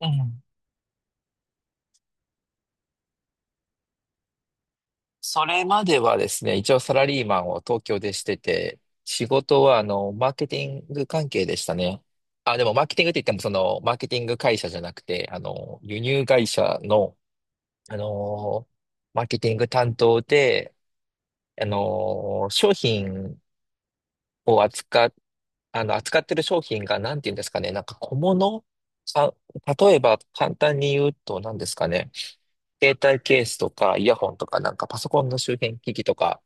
うん。それまではですね、一応サラリーマンを東京でしてて、仕事はマーケティング関係でしたね。あ、でもマーケティングって言ってもマーケティング会社じゃなくて、輸入会社の、あのーマーケティング担当で、商品を扱ってる商品が何て言うんですかね、なんか小物か、例えば簡単に言うと何ですかね。携帯ケースとか、イヤホンとか、なんかパソコンの周辺機器とか、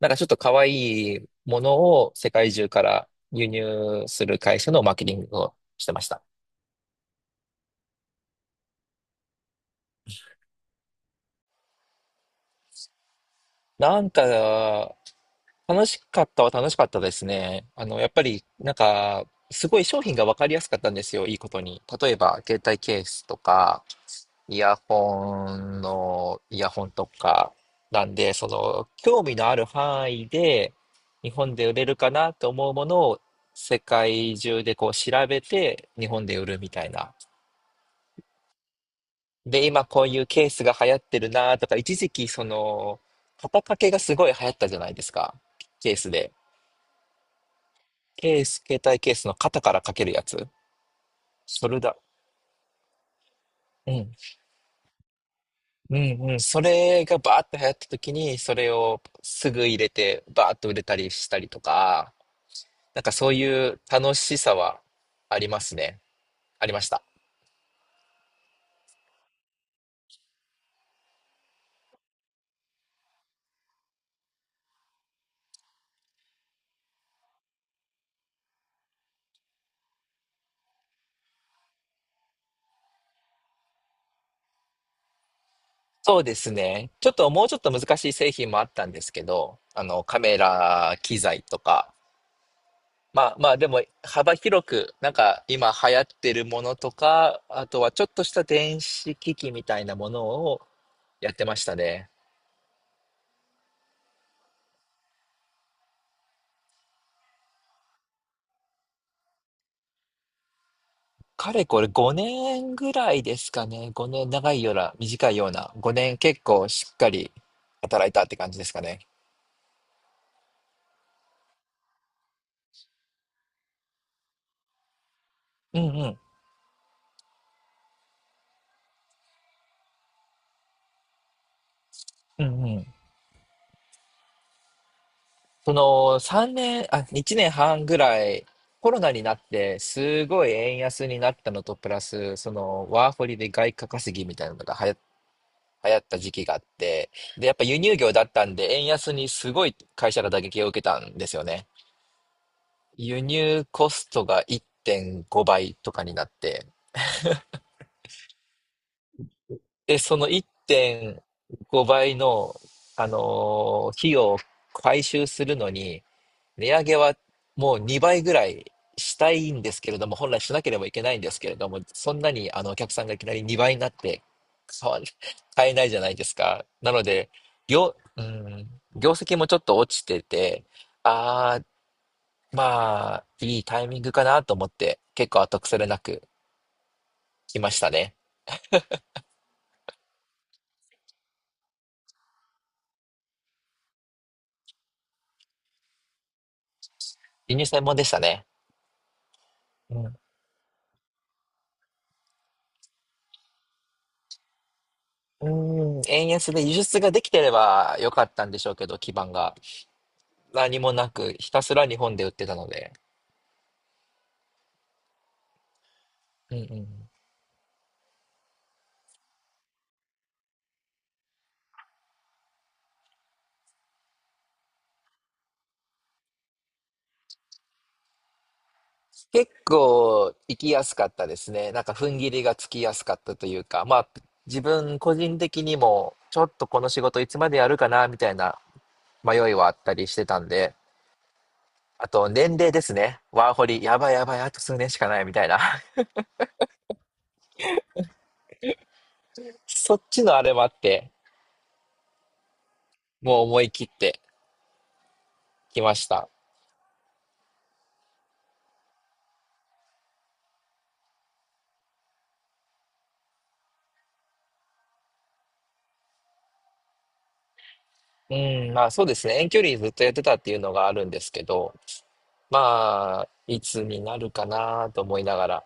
なんかちょっと可愛いものを世界中から輸入する会社のマーケティングをしてました。なんか、楽しかったは楽しかったですね。やっぱり、なんか、すごい商品が分かりやすかったんですよ、いいことに。例えば、携帯ケースとか、イヤホンとか、なんで、その、興味のある範囲で、日本で売れるかなと思うものを、世界中でこう調べて、日本で売るみたいな。で、今こういうケースが流行ってるなとか、一時期その、肩掛けがすごい流行ったじゃないですか。ケースで。ケース、携帯ケースの肩から掛けるやつ。それだ。うん。うんうん。それがバーッと流行った時に、それをすぐ入れて、バーッと売れたりしたりとか、なんかそういう楽しさはありますね。ありました。そうですね。ちょっともうちょっと難しい製品もあったんですけど、カメラ機材とか、まあまあでも幅広く、なんか今流行ってるものとか、あとはちょっとした電子機器みたいなものをやってましたね。かれこれ5年ぐらいですかね。5年、長いような、短いような。5年結構しっかり働いたって感じですかね。うんうん。うんうん。その3年、あ、1年半ぐらい、コロナになって、すごい円安になったのと、プラス、その、ワーホリで外貨稼ぎみたいなのが流行った時期があって、で、やっぱ輸入業だったんで、円安にすごい会社が打撃を受けたんですよね。輸入コストが1.5倍とかになって、で、その1.5倍の、費用を回収するのに、値上げはもう2倍ぐらいしたいんですけれども、本来しなければいけないんですけれども、そんなにあのお客さんがいきなり2倍になって買わ 買えないじゃないですか。なので、うん、業績もちょっと落ちてて、ああ、まあ、いいタイミングかなと思って、結構後腐れなく来ましたね。輸入専門でしたね。うんうん、円安で輸出ができてればよかったんでしょうけど、基盤が。何もなく、ひたすら日本で売ってたので。うんうん、結構行きやすかったですね。なんか踏ん切りがつきやすかったというか、まあ自分個人的にもちょっとこの仕事いつまでやるかなみたいな迷いはあったりしてたんで、あと年齢ですね。ワーホリ、やばいやばい、あと数年しかないみたいな。そっちのあれもあって、もう思い切ってきました。うん、まあそうですね。遠距離ずっとやってたっていうのがあるんですけど、まあ、いつになるかなと思いながら。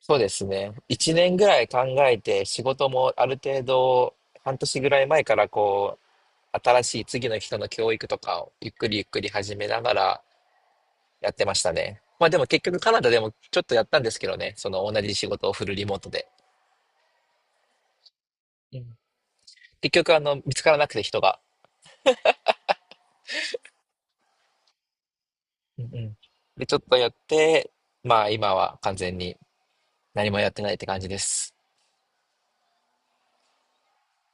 そうですね。一年ぐらい考えて、仕事もある程度、半年ぐらい前からこう、新しい次の人の教育とかをゆっくりゆっくり始めながらやってましたね。まあでも結局カナダでもちょっとやったんですけどね。その同じ仕事をフルリモートで。うん。結局見つからなくて人が。うんうん。で、ちょっとやって、まあ今は完全に。何もやってないって感じです。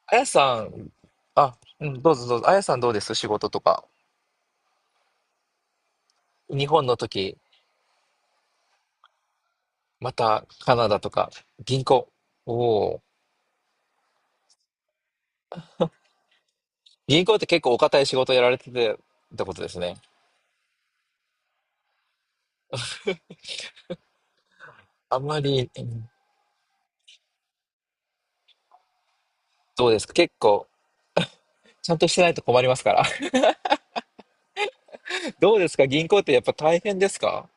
あやさん、あ、うん、どうぞどうぞ。あやさんどうです仕事とか。日本の時、またカナダとか、銀行。おお。銀行って結構お堅い仕事やられててってことですね。あんまり、うん。どうですか結構、ちゃんとしてないと困りますから。どうですか銀行ってやっぱ大変ですか。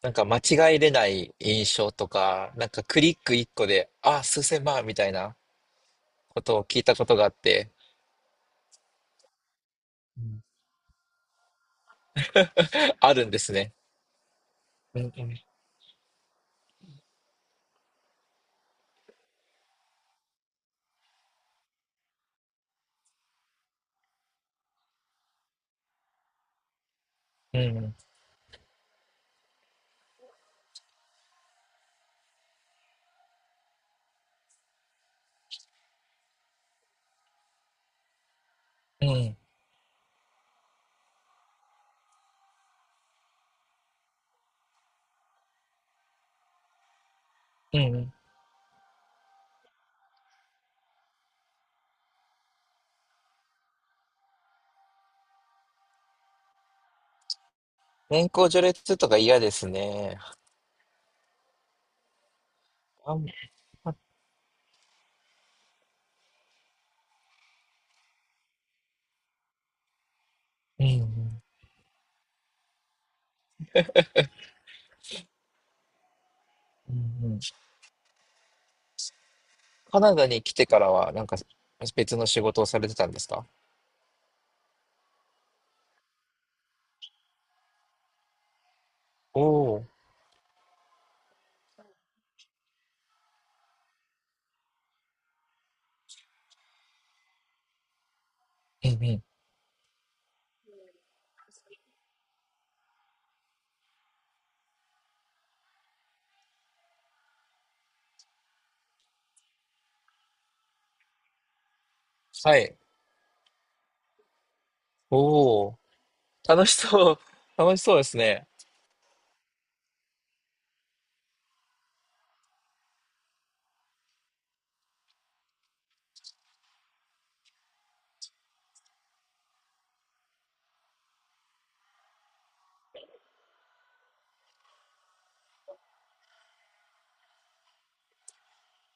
なんか間違えれない印象とか、なんかクリック一個で、あ、数千万みたいなことを聞いたことがあって、うん。あるんですね。うんうん。うんうん、うん。年功序列とか嫌ですね。あん、うんうん、うんうん。カナダに来てからは、なんか別の仕事をされてたんですか。おおー、うんうん。はい。おお、楽しそう。楽しそうですね。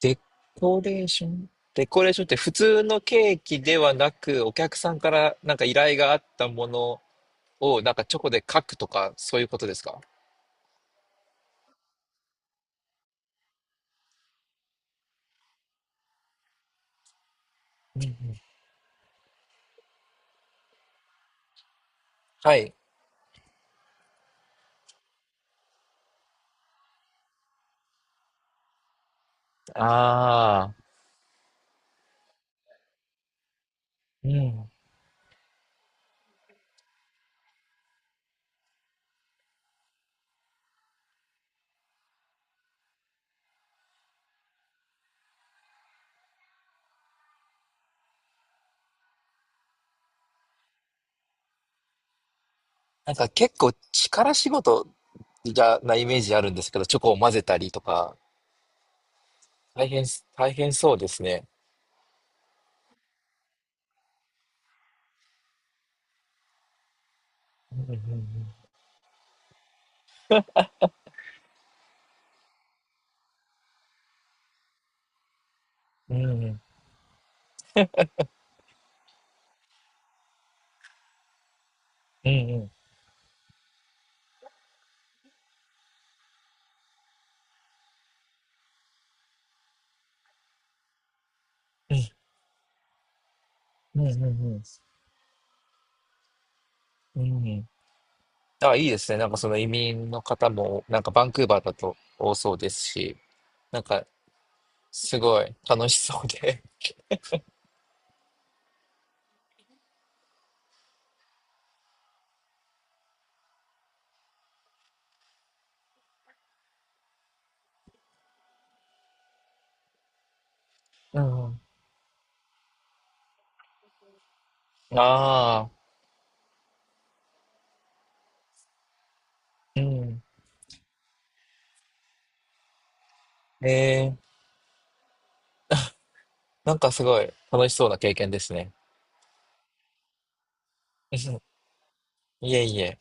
デコレーションデコレーションって普通のケーキではなく、お客さんからなんか依頼があったものをなんかチョコで書くとか、そういうことですか。はい。ああ。うん。なんか結構力仕事じゃなイメージあるんですけど、チョコを混ぜたりとか、大変大変そうですね。うんうんうん。うんうんうんうんうんうんうんうん。あ、いいですね。なんかその移民の方も、なんかバンクーバーだと多そうですし、なんかすごい楽しそうで。うん。ああ、うん。ええ、なんかすごい楽しそうな経験ですね。うん。いえいえ。